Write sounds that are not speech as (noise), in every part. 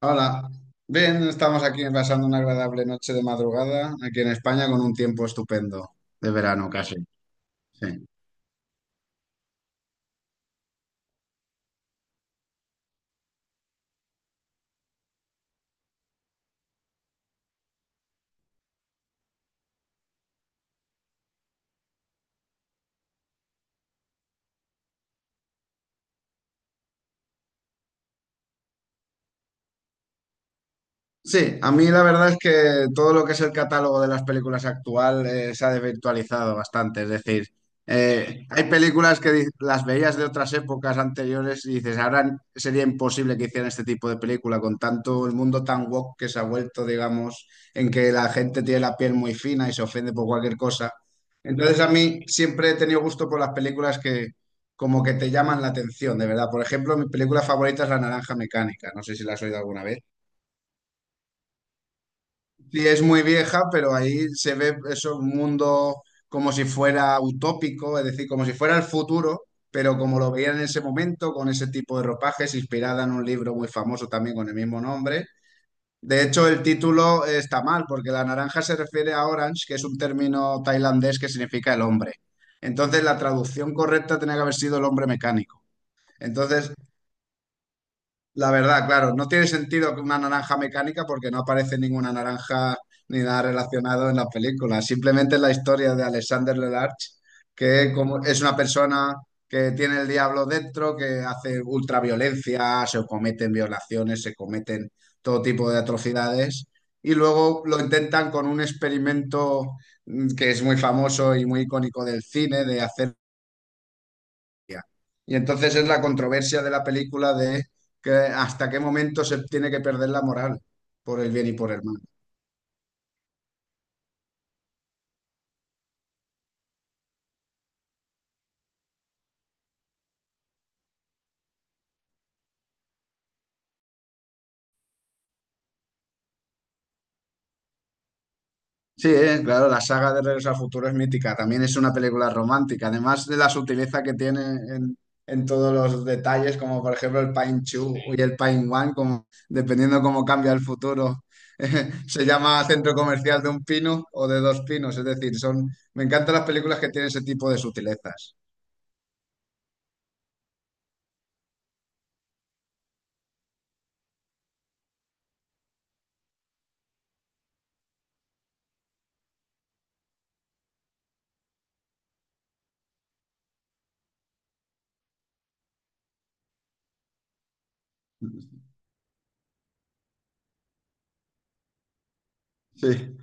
Hola, bien, estamos aquí pasando una agradable noche de madrugada aquí en España con un tiempo estupendo, de verano casi. Sí. Sí, a mí la verdad es que todo lo que es el catálogo de las películas actual se ha desvirtualizado bastante. Es decir, hay películas que las veías de otras épocas anteriores y dices, ahora sería imposible que hicieran este tipo de película con tanto el mundo tan woke que se ha vuelto, digamos, en que la gente tiene la piel muy fina y se ofende por cualquier cosa. Entonces a mí siempre he tenido gusto por las películas que como que te llaman la atención, de verdad. Por ejemplo, mi película favorita es La Naranja Mecánica. No sé si la has oído alguna vez. Sí, es muy vieja, pero ahí se ve eso, un mundo como si fuera utópico, es decir, como si fuera el futuro, pero como lo veían en ese momento, con ese tipo de ropajes, inspirada en un libro muy famoso también con el mismo nombre. De hecho, el título está mal, porque la naranja se refiere a orange, que es un término tailandés que significa el hombre. Entonces, la traducción correcta tenía que haber sido el hombre mecánico. Entonces, la verdad, claro, no tiene sentido que una naranja mecánica porque no aparece ninguna naranja ni nada relacionado en la película. Simplemente es la historia de Alexander Lelarge, que como es una persona que tiene el diablo dentro, que hace ultraviolencia, se cometen violaciones, se cometen todo tipo de atrocidades. Y luego lo intentan con un experimento que es muy famoso y muy icónico del cine, de hacer y entonces es la controversia de la película de que hasta qué momento se tiene que perder la moral por el bien y por el mal. Sí, claro, la saga de Regreso al Futuro es mítica, también es una película romántica, además de la sutileza que tiene en todos los detalles, como por ejemplo el Pine Two y el Pine One, como, dependiendo cómo cambia el futuro. (laughs) Se llama centro comercial de un pino o de dos pinos, es decir, son, me encantan las películas que tienen ese tipo de sutilezas. Sí.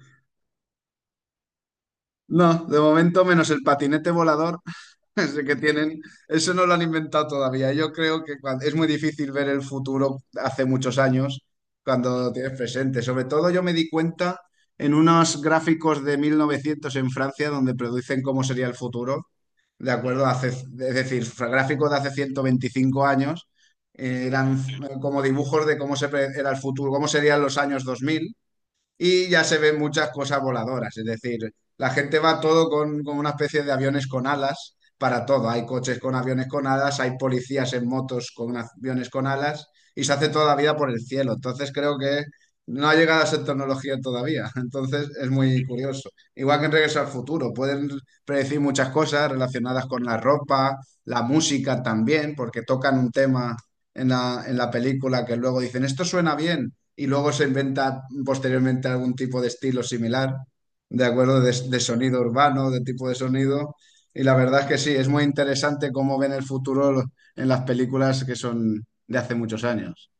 No, de momento menos el patinete volador, (laughs) ese que tienen, eso no lo han inventado todavía. Yo creo que es muy difícil ver el futuro hace muchos años cuando lo tienes presente. Sobre todo yo me di cuenta en unos gráficos de 1900 en Francia donde producen cómo sería el futuro, de acuerdo hace, es decir, gráficos de hace 125 años, eran como dibujos de cómo era el futuro, cómo serían los años 2000 y ya se ven muchas cosas voladoras, es decir, la gente va todo con una especie de aviones con alas para todo. Hay coches con aviones con alas, hay policías en motos con aviones con alas y se hace toda la vida por el cielo. Entonces creo que no ha llegado a ser tecnología todavía. (laughs) Entonces es muy curioso. Igual que en Regreso al Futuro, pueden predecir muchas cosas relacionadas con la ropa, la música también, porque tocan un tema en la película que luego dicen, esto suena bien, y luego se inventa posteriormente algún tipo de estilo similar, ¿de acuerdo? De sonido urbano, de tipo de sonido. Y la verdad es que sí, es muy interesante cómo ven el futuro en las películas que son de hace muchos años.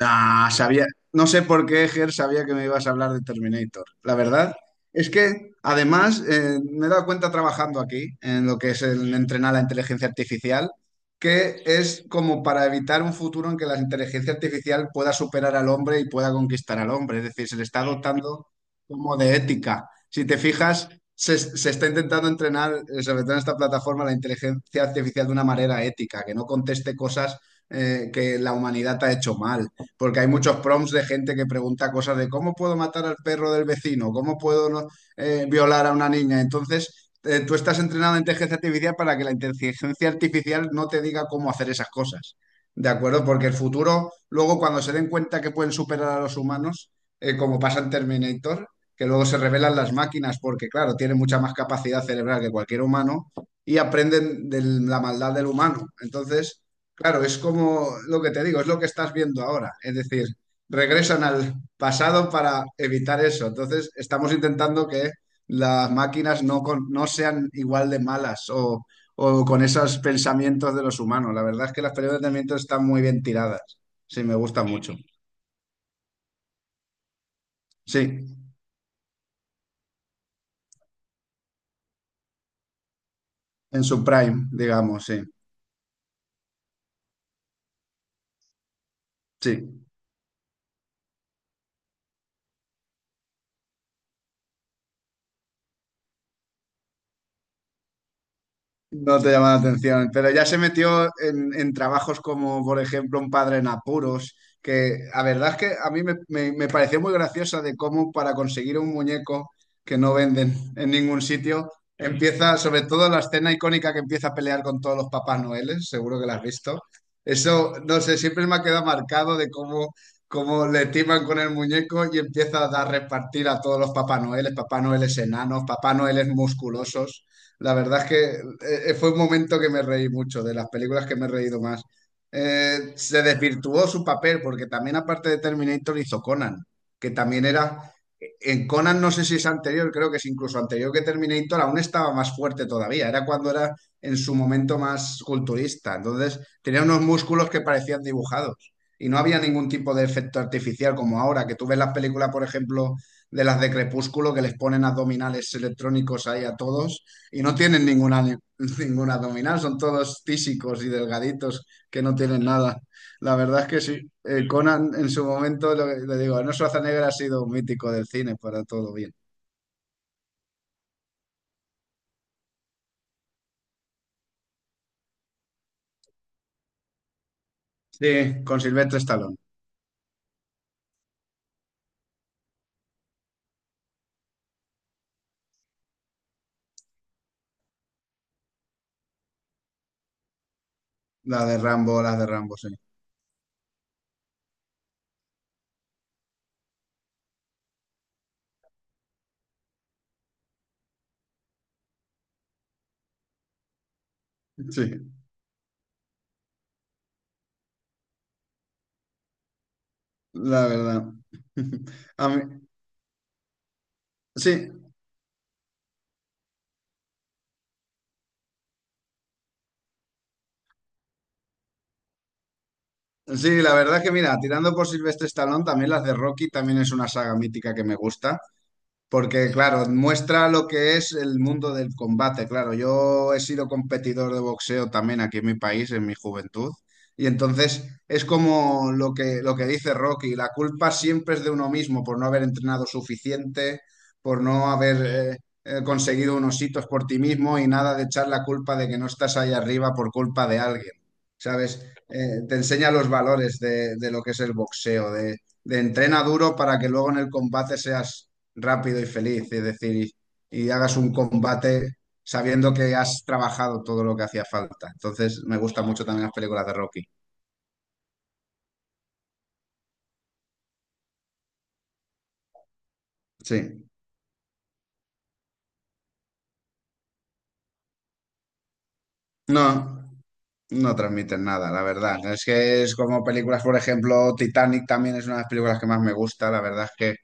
Ah, sabía, no sé por qué, Ger, sabía que me ibas a hablar de Terminator. La verdad es que, además, me he dado cuenta trabajando aquí, en lo que es el entrenar la inteligencia artificial, que es como para evitar un futuro en que la inteligencia artificial pueda superar al hombre y pueda conquistar al hombre. Es decir, se le está dotando como de ética. Si te fijas, se está intentando entrenar, sobre todo en esta plataforma, la inteligencia artificial de una manera ética, que no conteste cosas que la humanidad ha hecho mal porque hay muchos prompts de gente que pregunta cosas de cómo puedo matar al perro del vecino, cómo puedo no, violar a una niña. Entonces, tú estás entrenado en inteligencia artificial para que la inteligencia artificial no te diga cómo hacer esas cosas. ¿De acuerdo? Porque el futuro, luego cuando se den cuenta que pueden superar a los humanos, como pasa en Terminator, que luego se revelan las máquinas porque, claro, tienen mucha más capacidad cerebral que cualquier humano y aprenden de la maldad del humano. Entonces, claro, es como lo que te digo, es lo que estás viendo ahora. Es decir, regresan al pasado para evitar eso. Entonces, estamos intentando que las máquinas no, no sean igual de malas o con esos pensamientos de los humanos. La verdad es que las películas de Terminator están muy bien tiradas. Sí, me gusta mucho. Sí, en su prime, digamos, sí. Sí. No te llama la atención, pero ya se metió en trabajos como, por ejemplo, Un padre en apuros, que la verdad es que a mí me pareció muy graciosa de cómo para conseguir un muñeco que no venden en ningún sitio, empieza, sobre todo la escena icónica que empieza a pelear con todos los Papás Noeles, seguro que la has visto. Eso, no sé, siempre me ha quedado marcado de cómo, cómo le timan con el muñeco y empieza a dar repartir a todos los Papás Noeles, Papá Noeles enanos, Papá Noeles musculosos. La verdad es que fue un momento que me reí mucho, de las películas que me he reído más. Se desvirtuó su papel porque también aparte de Terminator hizo Conan, que también era... En Conan no sé si es anterior, creo que es incluso anterior que Terminator, aún estaba más fuerte todavía, era cuando era en su momento más culturista, entonces tenía unos músculos que parecían dibujados y no había ningún tipo de efecto artificial como ahora, que tú ves las películas, por ejemplo, de las de Crepúsculo, que les ponen abdominales electrónicos ahí a todos y no tienen ninguna, ni- (laughs) ninguna abdominal, son todos tísicos y delgaditos que no tienen nada. La verdad es que sí, Conan en su momento, le digo, Arnold Schwarzenegger ha sido un mítico del cine para todo bien. Sí, con Silvestre Stallone, la de Rambo, sí. Sí, la verdad. (laughs) A mí- sí, sí, la verdad que mira, tirando por Silvestre Stallone, también las de Rocky también es una saga mítica que me gusta. Porque, claro, muestra lo que es el mundo del combate. Claro, yo he sido competidor de boxeo también aquí en mi país, en mi juventud. Y entonces es como lo que dice Rocky, la culpa siempre es de uno mismo por no haber entrenado suficiente, por no haber eh, conseguido unos hitos por ti mismo y nada de echar la culpa de que no estás ahí arriba por culpa de alguien. ¿Sabes? Te enseña los valores de lo que es el boxeo, de entrena duro para que luego en el combate seas rápido y feliz, es decir, y hagas un combate sabiendo que has trabajado todo lo que hacía falta. Entonces, me gustan mucho también las películas de Rocky. Sí. No, no transmiten nada, la verdad. Es que es como películas, por ejemplo, Titanic también es una de las películas que más me gusta. La verdad es que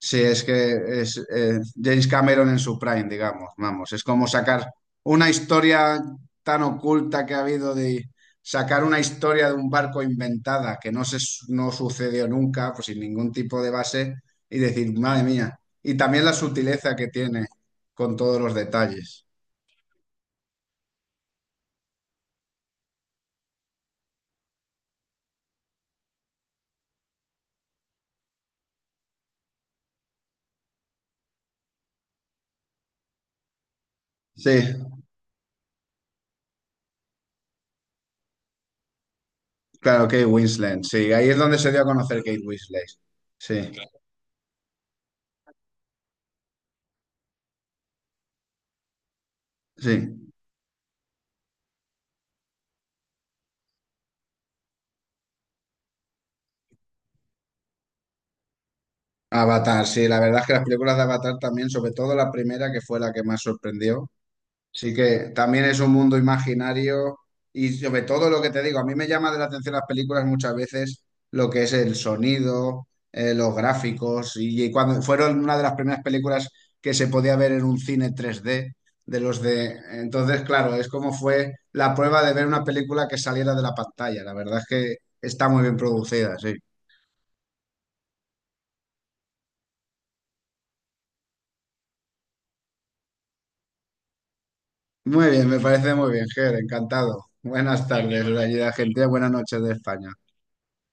sí, es que es James Cameron en su prime, digamos, vamos, es como sacar una historia tan oculta que ha habido de sacar una historia de un barco inventada que no se no sucedió nunca, pues sin ningún tipo de base y decir, madre mía, y también la sutileza que tiene con todos los detalles. Sí, claro, Kate Winslet, sí, ahí es donde se dio a conocer Kate Winslet. Sí, sí. Avatar, sí, la verdad es que las películas de Avatar también, sobre todo la primera que fue la que más sorprendió. Sí que también es un mundo imaginario y sobre todo lo que te digo, a mí me llama de la atención las películas muchas veces lo que es el sonido, los gráficos y cuando fueron una de las primeras películas que se podía ver en un cine 3D de los de... Entonces, claro, es como fue la prueba de ver una película que saliera de la pantalla. La verdad es que está muy bien producida, sí. Muy bien, me parece muy bien, Ger, encantado. Buenas tardes, de allí de Argentina, buenas noches de España.